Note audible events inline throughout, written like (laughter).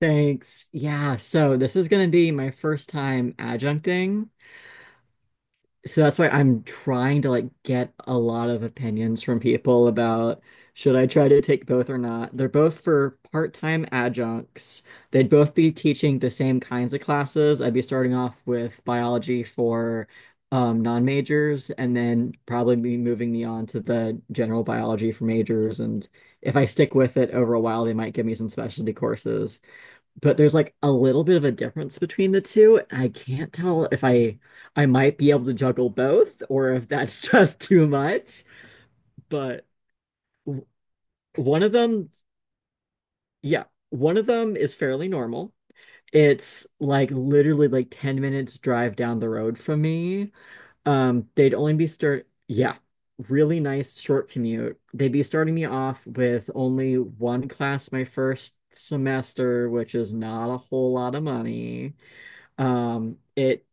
Thanks. Yeah, so this is going to be my first time adjuncting. So that's why I'm trying to like get a lot of opinions from people about should I try to take both or not. They're both for part-time adjuncts. They'd both be teaching the same kinds of classes. I'd be starting off with biology for non-majors and then probably be moving me on to the general biology for majors. And if I stick with it over a while, they might give me some specialty courses but there's like a little bit of a difference between the two. I can't tell if I might be able to juggle both or if that's (laughs) just too much. But w- one of them, yeah, one of them is fairly normal. It's like literally like 10 minutes drive down the road from me. They'd only yeah, really nice short commute. They'd be starting me off with only one class my first semester, which is not a whole lot of money. It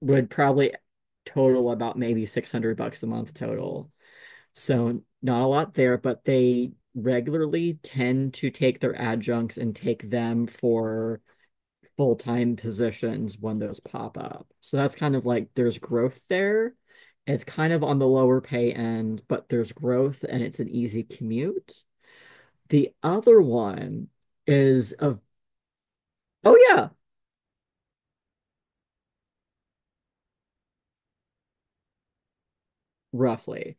would probably total about maybe 600 bucks a month total. So not a lot there, but they regularly tend to take their adjuncts and take them for full-time positions when those pop up. So that's kind of like there's growth there. It's kind of on the lower pay end, but there's growth and it's an easy commute. The other one is of, oh yeah, roughly.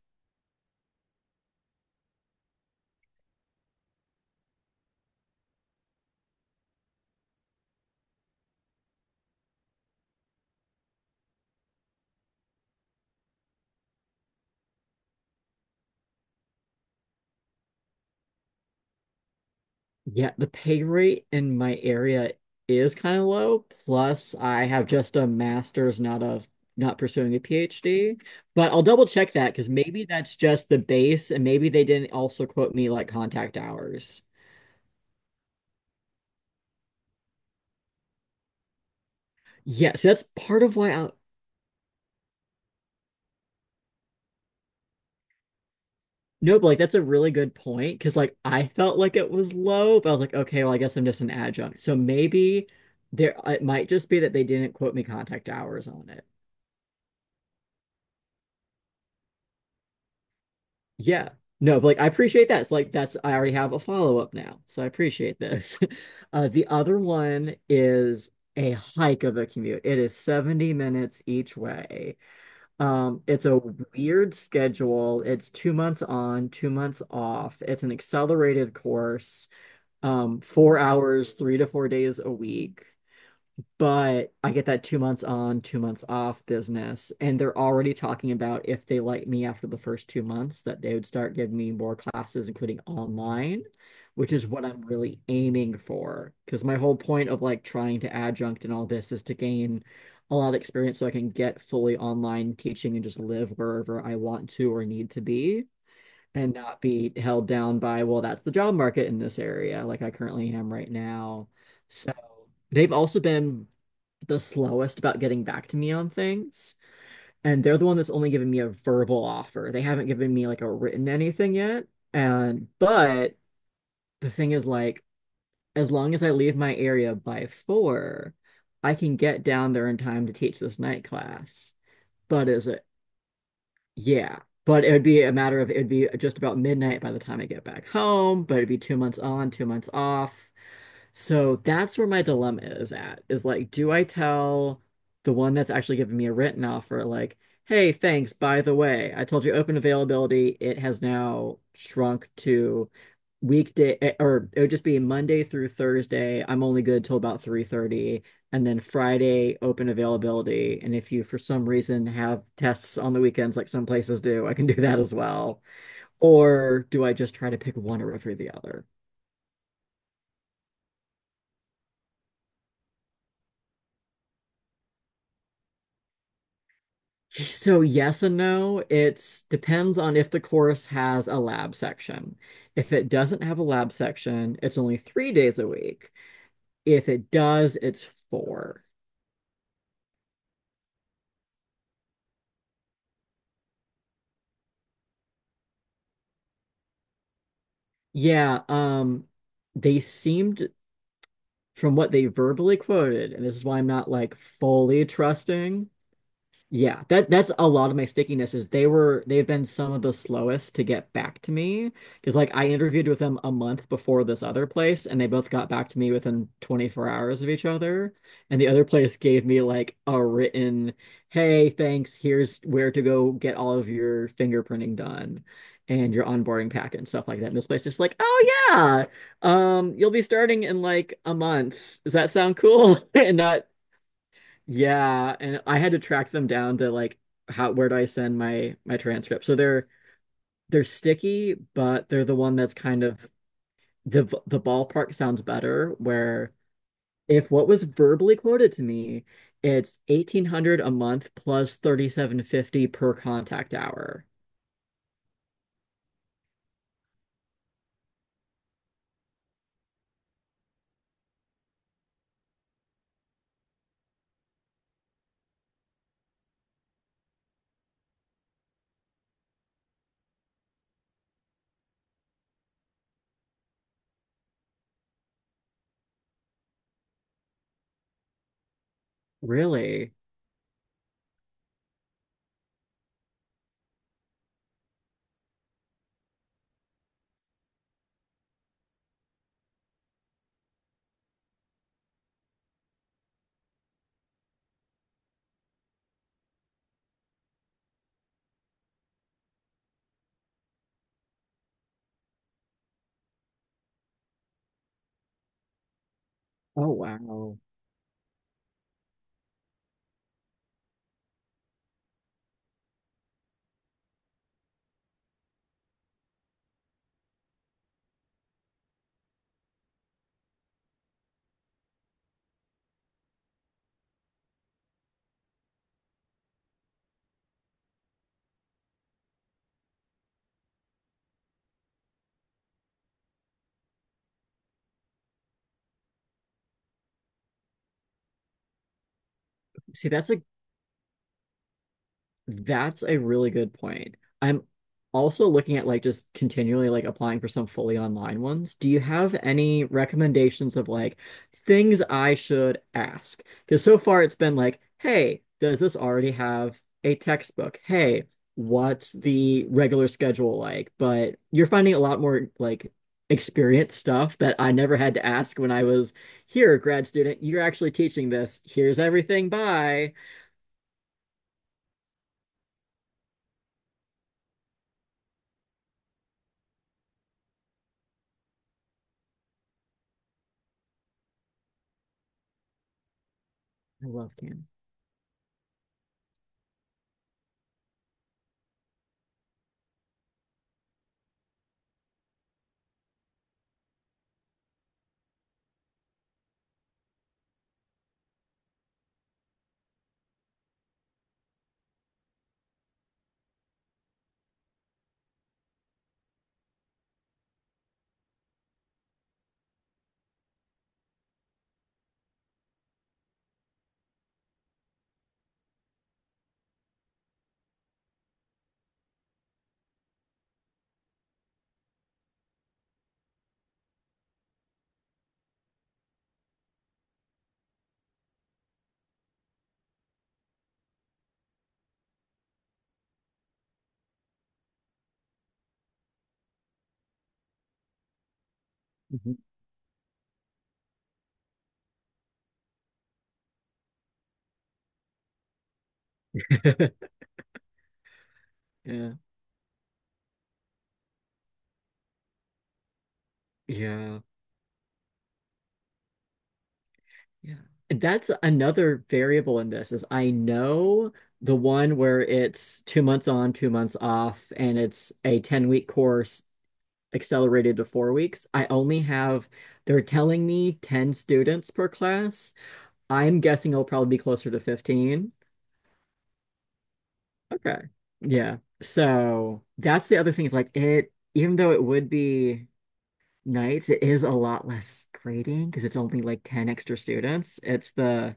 Yeah, the pay rate in my area is kind of low. Plus, I have just a master's, not pursuing a PhD. But I'll double check that because maybe that's just the base, and maybe they didn't also quote me like contact hours. Yeah, so that's part of why I no, but like that's a really good point because like I felt like it was low, but I was like, okay, well, I guess I'm just an adjunct. So maybe there it might just be that they didn't quote me contact hours on. Yeah. No, but like I appreciate that. It's like that's I already have a follow-up now. So I appreciate this. (laughs) The other one is a hike of a commute. It is 70 minutes each way. It's a weird schedule. It's 2 months on, 2 months off. It's an accelerated course, 4 hours, 3 to 4 days a week but I get that 2 months on, 2 months off business. And they're already talking about if they like me after the first 2 months, that they would start giving me more classes, including online, which is what I'm really aiming for. Because my whole point of like trying to adjunct and all this is to gain a lot of experience so I can get fully online teaching and just live wherever I want to or need to be. And not be held down by, well, that's the job market in this area, like I currently am right now. So they've also been the slowest about getting back to me on things. And they're the one that's only given me a verbal offer. They haven't given me like a written anything yet. And but the thing is like as long as I leave my area by four, I can get down there in time to teach this night class. But is it Yeah. But it would be just about midnight by the time I get back home, but it'd be 2 months on, 2 months off. So that's where my dilemma is at, is like, do I tell the one that's actually giving me a written offer, like, hey, thanks, by the way, I told you open availability, it has now shrunk to or it would just be Monday through Thursday. I'm only good till about 3:30, and then Friday open availability. And if you, for some reason, have tests on the weekends, like some places do, I can do that as well. Or do I just try to pick one or over the other? So yes and no. It depends on if the course has a lab section. If it doesn't have a lab section, it's only 3 days a week. If it does, it's four. Yeah, they seemed, from what they verbally quoted, and this is why I'm not like fully trusting. Yeah, that's a lot of my stickiness is they've been some of the slowest to get back to me because like I interviewed with them a month before this other place and they both got back to me within 24 hours of each other, and the other place gave me like a written, hey thanks, here's where to go get all of your fingerprinting done and your onboarding packet and stuff like that. And this place is like, oh yeah, you'll be starting in like a month, does that sound cool? (laughs) And not. Yeah, and I had to track them down to like how where do I send my transcript. So they're sticky, but they're the one that's kind of, the ballpark sounds better where if what was verbally quoted to me, it's 1800 a month plus 3750 per contact hour. Really? Oh wow. See, that's a really good point. I'm also looking at like just continually like applying for some fully online ones. Do you have any recommendations of like things I should ask? Because so far it's been like, hey, does this already have a textbook? Hey, what's the regular schedule like? But you're finding a lot more like experience stuff that I never had to ask when I was here, grad student. You're actually teaching this. Here's everything. Bye. I love Canvas. Mhm. (laughs) Yeah. Yeah. Yeah. That's another variable in this is I know the one where it's 2 months on, 2 months off, and it's a 10-week course accelerated to 4 weeks. They're telling me 10 students per class. I'm guessing it'll probably be closer to 15. Okay. Yeah. So that's the other thing is like it, even though it would be nights, it is a lot less grading because it's only like 10 extra students. It's the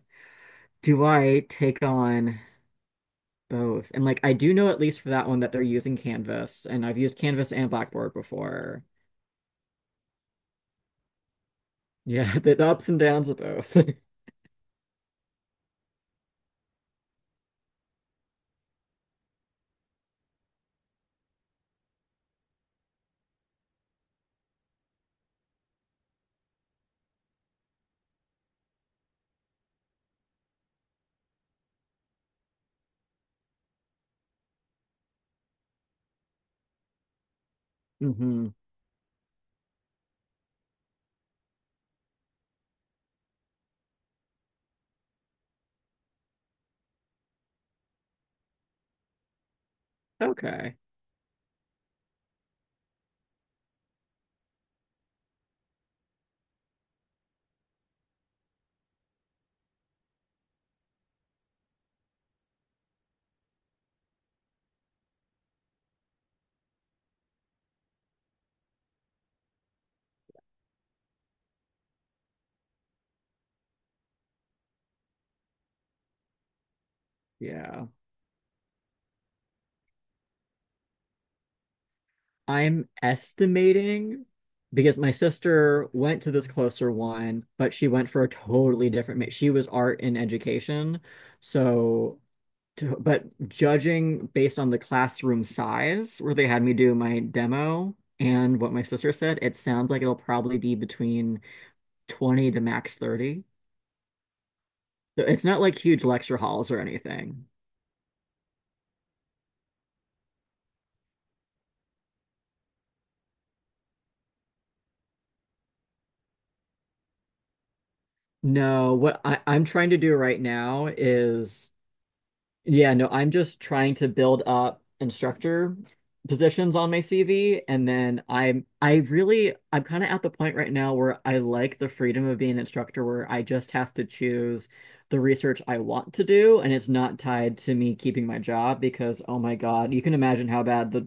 Do I take on both? And like I do know at least for that one that they're using Canvas, and I've used Canvas and Blackboard before. Yeah, (laughs) the ups and downs of both. (laughs) Hmm. Okay. Yeah. I'm estimating because my sister went to this closer one, but she went for a totally different she was art and education. So but judging based on the classroom size where they had me do my demo and what my sister said, it sounds like it'll probably be between 20 to max 30. So it's not like huge lecture halls or anything. No, I'm trying to do right now is. Yeah, no, I'm just trying to build up instructor positions on my CV, and then I'm I really I'm kind of at the point right now where I like the freedom of being an instructor where I just have to choose the research I want to do, and it's not tied to me keeping my job because oh my God, you can imagine how bad the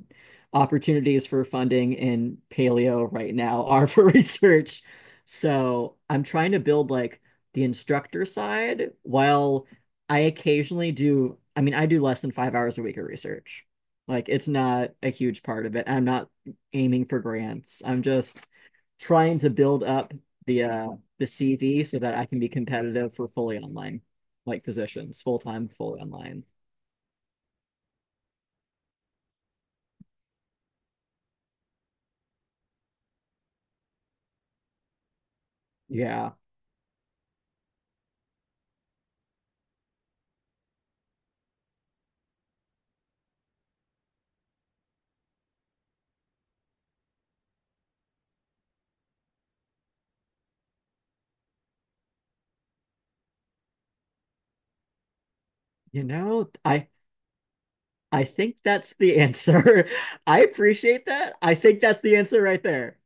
opportunities for funding in paleo right now are for (laughs) research. So I'm trying to build like the instructor side while I mean, I do less than 5 hours a week of research. Like, it's not a huge part of it. I'm not aiming for grants. I'm just trying to build up the uh the CV so that I can be competitive for fully online, like positions, full time, fully online. Yeah. You know, I think that's the answer. (laughs) I appreciate that. I think that's the answer right there.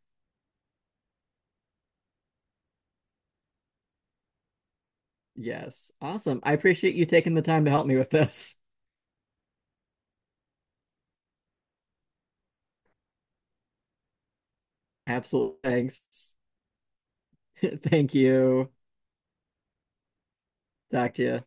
Yes. Awesome. I appreciate you taking the time to help me with this. Absolutely. Thanks. (laughs) Thank you. Talk to you.